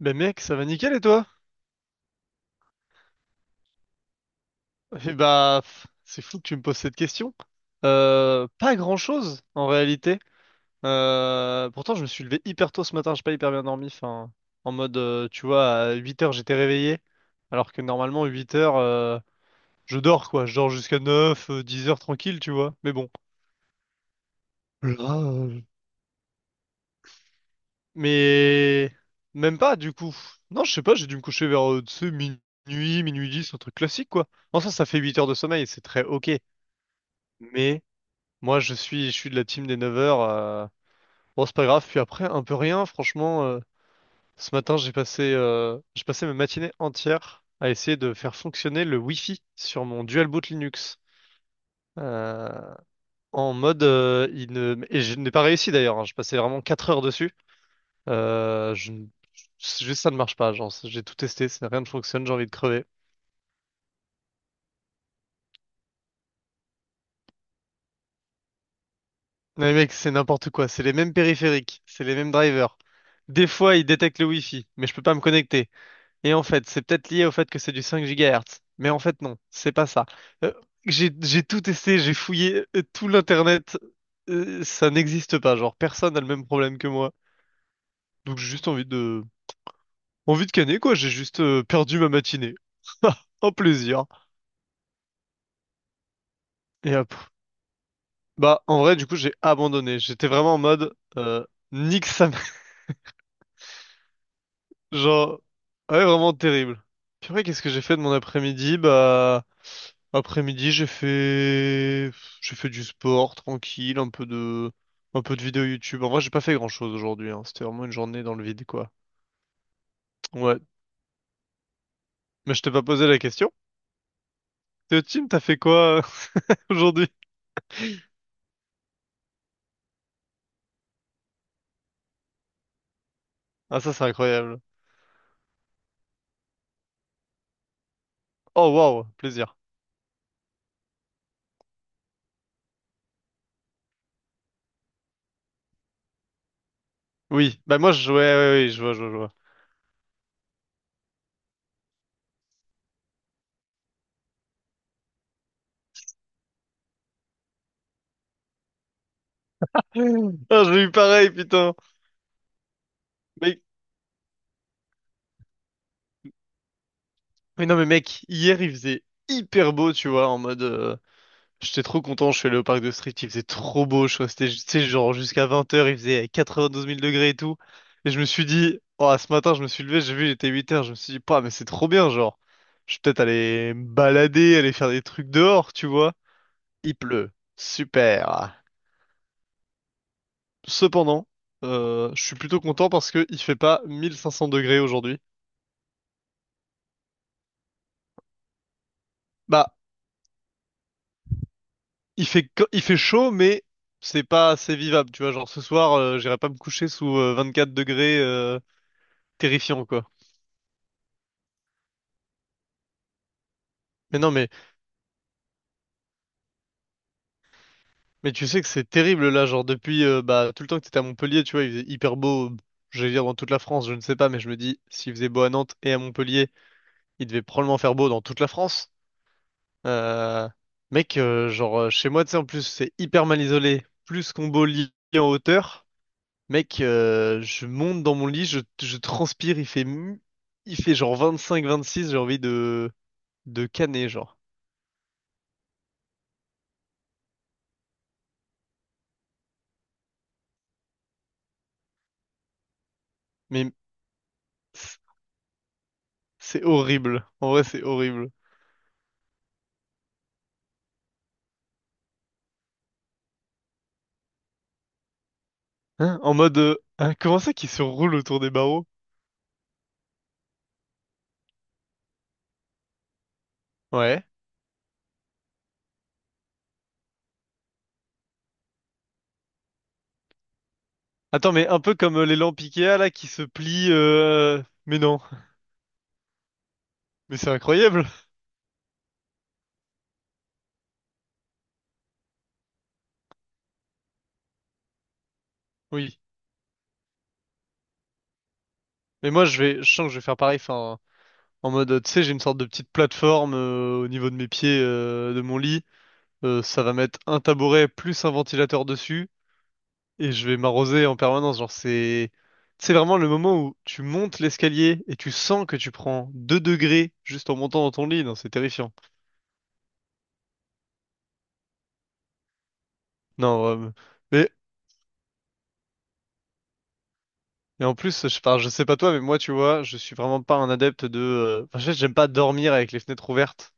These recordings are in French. Ben mec, ça va nickel et toi? Eh bah, c'est fou que tu me poses cette question. Pas grand-chose en réalité. Pourtant, je me suis levé hyper tôt ce matin, j'ai pas hyper bien dormi. Enfin, en mode, tu vois, à 8 heures j'étais réveillé, alors que normalement 8 heures, je dors quoi. Je dors jusqu'à 9, 10 heures tranquille, tu vois. Mais bon. Là, mais même pas du coup. Non, je sais pas, j'ai dû me coucher vers tu sais, minuit, minuit 10, un truc classique quoi. En soi, ça fait 8 heures de sommeil, c'est très ok. Mais moi, je suis de la team des 9 heures. Bon, c'est pas grave. Puis après, un peu rien. Franchement, ce matin, j'ai passé ma matinée entière à essayer de faire fonctionner le Wi-Fi sur mon dual boot Linux. Euh, En mode, il ne... et je n'ai pas réussi d'ailleurs. Hein, je passais vraiment 4 heures dessus. Je... ne- C'est juste ça ne marche pas. Genre, j'ai tout testé, rien ne fonctionne. J'ai envie de crever. Mais mec, c'est n'importe quoi. C'est les mêmes périphériques, c'est les mêmes drivers. Des fois, il détecte le Wi-Fi, mais je peux pas me connecter. Et en fait, c'est peut-être lié au fait que c'est du 5 GHz. Mais en fait, non, c'est pas ça. Euh, j'ai tout testé, j'ai fouillé tout l'internet. Ça n'existe pas. Genre, personne n'a le même problème que moi. Donc, j'ai juste envie de canner, quoi. J'ai juste perdu ma matinée. Ah, un plaisir. Et hop. Bah, en vrai, du coup, j'ai abandonné. J'étais vraiment en mode, nique sa. Genre, ah ouais, vraiment terrible. Purée, qu'est-ce que j'ai fait de mon après-midi? Bah, après-midi, j'ai fait du sport, tranquille, un peu de vidéo YouTube. En vrai, j'ai pas fait grand-chose aujourd'hui, hein. C'était vraiment une journée dans le vide, quoi. Ouais. Mais je t'ai pas posé la question. T'es au team, t'as fait quoi aujourd'hui? Ah, ça, c'est incroyable. Oh, waouh, plaisir. Oui. Bah, moi, je jouais, ouais, ouais, ouais, je vois, je vois, je vois. Ah, j'ai eu pareil, putain. Mais, mais non, mais mec, hier, il faisait hyper beau, tu vois, en mode, j'étais trop content, je suis allé au parc de Street, il faisait trop beau, je suis que tu sais, genre jusqu'à 20 heures, il faisait 92 000 degrés et tout. Et je me suis dit, oh, ce matin, je me suis levé, j'ai vu, il était 8 heures. Je me suis dit, pas, mais c'est trop bien, genre. Je vais peut-être aller me balader, aller faire des trucs dehors, tu vois. Il pleut. Super. Cependant, je suis plutôt content parce que il fait pas 1500 degrés aujourd'hui. Bah, il fait chaud, mais c'est pas assez vivable, tu vois. Genre ce soir, j'irai pas me coucher sous 24 degrés, terrifiant, quoi. Mais non, mais tu sais que c'est terrible là, genre depuis bah, tout le temps que t'étais à Montpellier, tu vois, il faisait hyper beau, j'allais dire dans toute la France, je ne sais pas, mais je me dis, s'il faisait beau à Nantes et à Montpellier, il devait probablement faire beau dans toute la France. Euh, Mec, genre chez moi, tu sais, en plus, c'est hyper mal isolé, plus combo lit en hauteur. Mec, je monte dans mon lit, je transpire, il fait genre 25-26, j'ai envie de caner, genre. Mais c'est c'est horrible, en vrai, c'est horrible. Hein? En mode, hein, comment ça qui se roule autour des barreaux? Ouais. Attends, mais un peu comme les lampes Ikea là qui se plient. Mais non, mais c'est incroyable. Oui. Mais moi je sens que je vais faire pareil. Enfin, en mode, tu sais, j'ai une sorte de petite plateforme au niveau de mes pieds, de mon lit. Ça va mettre un tabouret plus un ventilateur dessus et je vais m'arroser en permanence. Genre c'est vraiment le moment où tu montes l'escalier et tu sens que tu prends 2 degrés juste en montant dans ton lit. Non, c'est terrifiant. Non. Mais Et en plus, je parle, je sais pas toi, mais moi, tu vois, je suis vraiment pas un adepte de. Enfin, en fait, j'aime pas dormir avec les fenêtres ouvertes.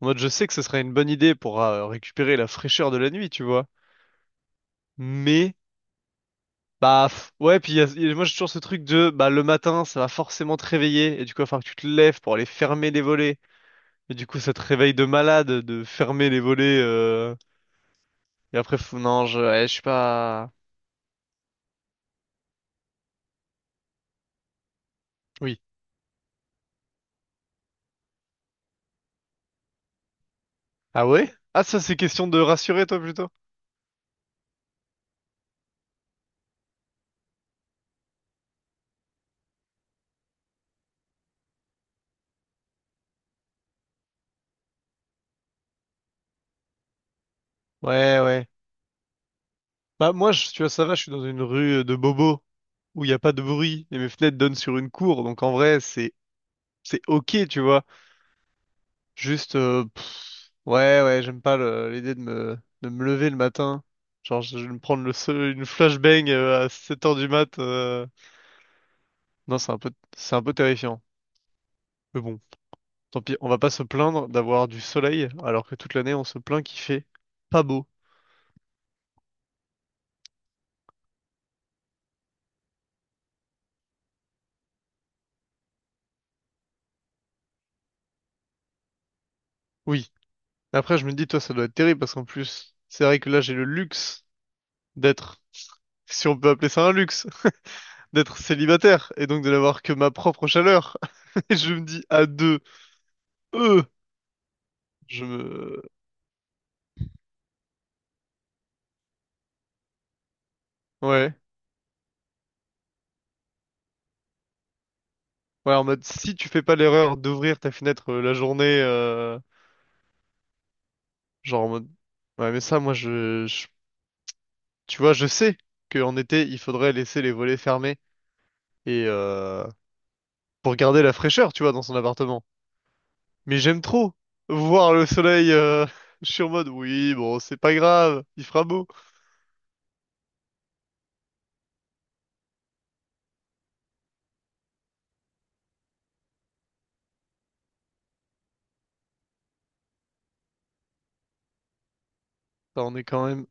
En mode, je sais que ce serait une bonne idée pour récupérer la fraîcheur de la nuit, tu vois. Mais, bah, ouais, puis moi, j'ai toujours ce truc de, bah, le matin, ça va forcément te réveiller, et du coup, il va falloir que tu te lèves pour aller fermer les volets. Et du coup, ça te réveille de malade de fermer les volets. Et après, non, ouais, je suis pas. Oui. Ah ouais? Ah, ça, c'est question de rassurer, toi, plutôt. Ouais, ouais. Bah moi, tu vois, ça va, je suis dans une rue de Bobo où il n'y a pas de bruit et mes fenêtres donnent sur une cour, donc en vrai, c'est ok, tu vois. Juste, ouais, ouais, j'aime pas l'idée de me lever le matin. Genre, je vais me prendre une flashbang à 7 heures du mat. Non, c'est un peu terrifiant. Mais bon, tant pis, on va pas se plaindre d'avoir du soleil alors que toute l'année on se plaint qu'il fait pas beau. Oui. Après, je me dis, toi, ça doit être terrible parce qu'en plus, c'est vrai que là, j'ai le luxe d'être, si on peut appeler ça un luxe, d'être célibataire et donc de n'avoir que ma propre chaleur. Et je me dis à deux, euh, je me, ouais, ouais, en mode si tu fais pas l'erreur d'ouvrir ta fenêtre la journée, genre en mode, ouais, mais ça, moi, tu vois, je sais qu'en été, il faudrait laisser les volets fermés et pour garder la fraîcheur, tu vois, dans son appartement. Mais j'aime trop voir le soleil. Je suis en mode, oui, bon, c'est pas grave, il fera beau. Enfin, on est quand même.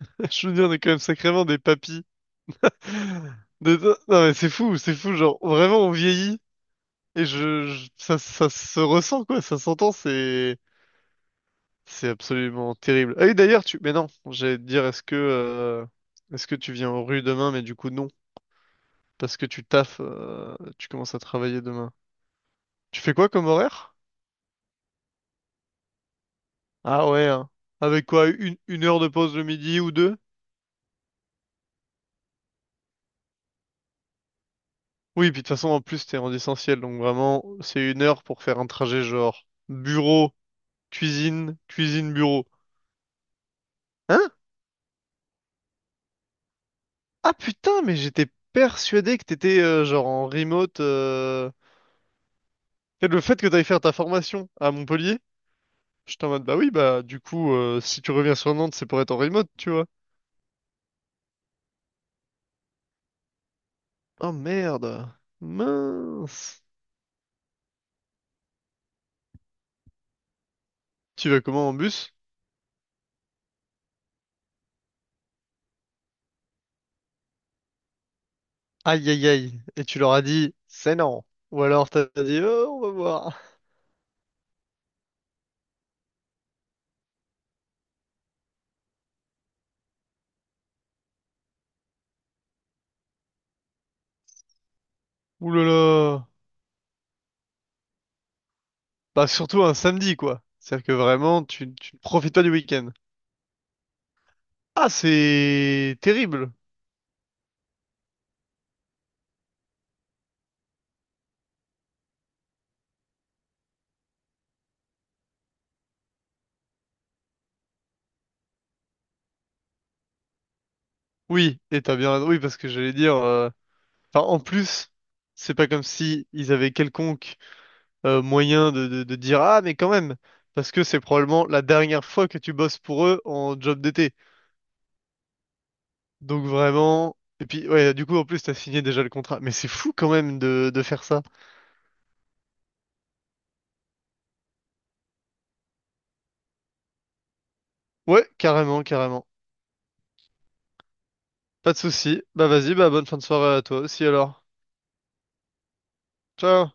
Je veux dire, on est quand même sacrément des papys. Non mais c'est fou, genre vraiment on vieillit et ça, ça se ressent quoi, ça s'entend, c'est absolument terrible. Ah oui d'ailleurs mais non, j'allais te dire est-ce que tu viens aux rues demain, mais du coup non, parce que tu taffes, tu commences à travailler demain. Tu fais quoi comme horaire? Ah ouais, hein. Avec quoi, une heure de pause le midi ou deux? Oui, puis de toute façon en plus t'es en essentiel, donc vraiment c'est une heure pour faire un trajet genre bureau, cuisine, cuisine, bureau. Hein? Ah putain, mais j'étais persuadé que t'étais genre en remote. Et le fait que t'ailles faire ta formation à Montpellier, j'étais en mode bah oui, bah du coup, si tu reviens sur Nantes, c'est pour être en remote, tu vois. Oh merde, mince. Tu vas comment en bus? Aïe aïe aïe. Et tu leur as dit c'est non. Ou alors t'as dit oh, on va voir. Ouh là là. Bah surtout un samedi quoi. C'est-à-dire que vraiment, tu ne profites pas du week-end. Ah, c'est terrible. Oui, et t'as bien raison. Oui, parce que j'allais dire. Enfin, en plus, c'est pas comme si ils avaient quelconque moyen de dire ah mais quand même, parce que c'est probablement la dernière fois que tu bosses pour eux en job d'été. Donc vraiment. Et puis ouais, du coup en plus t'as signé déjà le contrat. Mais c'est fou quand même de faire ça. Ouais, carrément, carrément. Pas de souci. Bah vas-y, bah bonne fin de soirée à toi aussi alors. Ciao.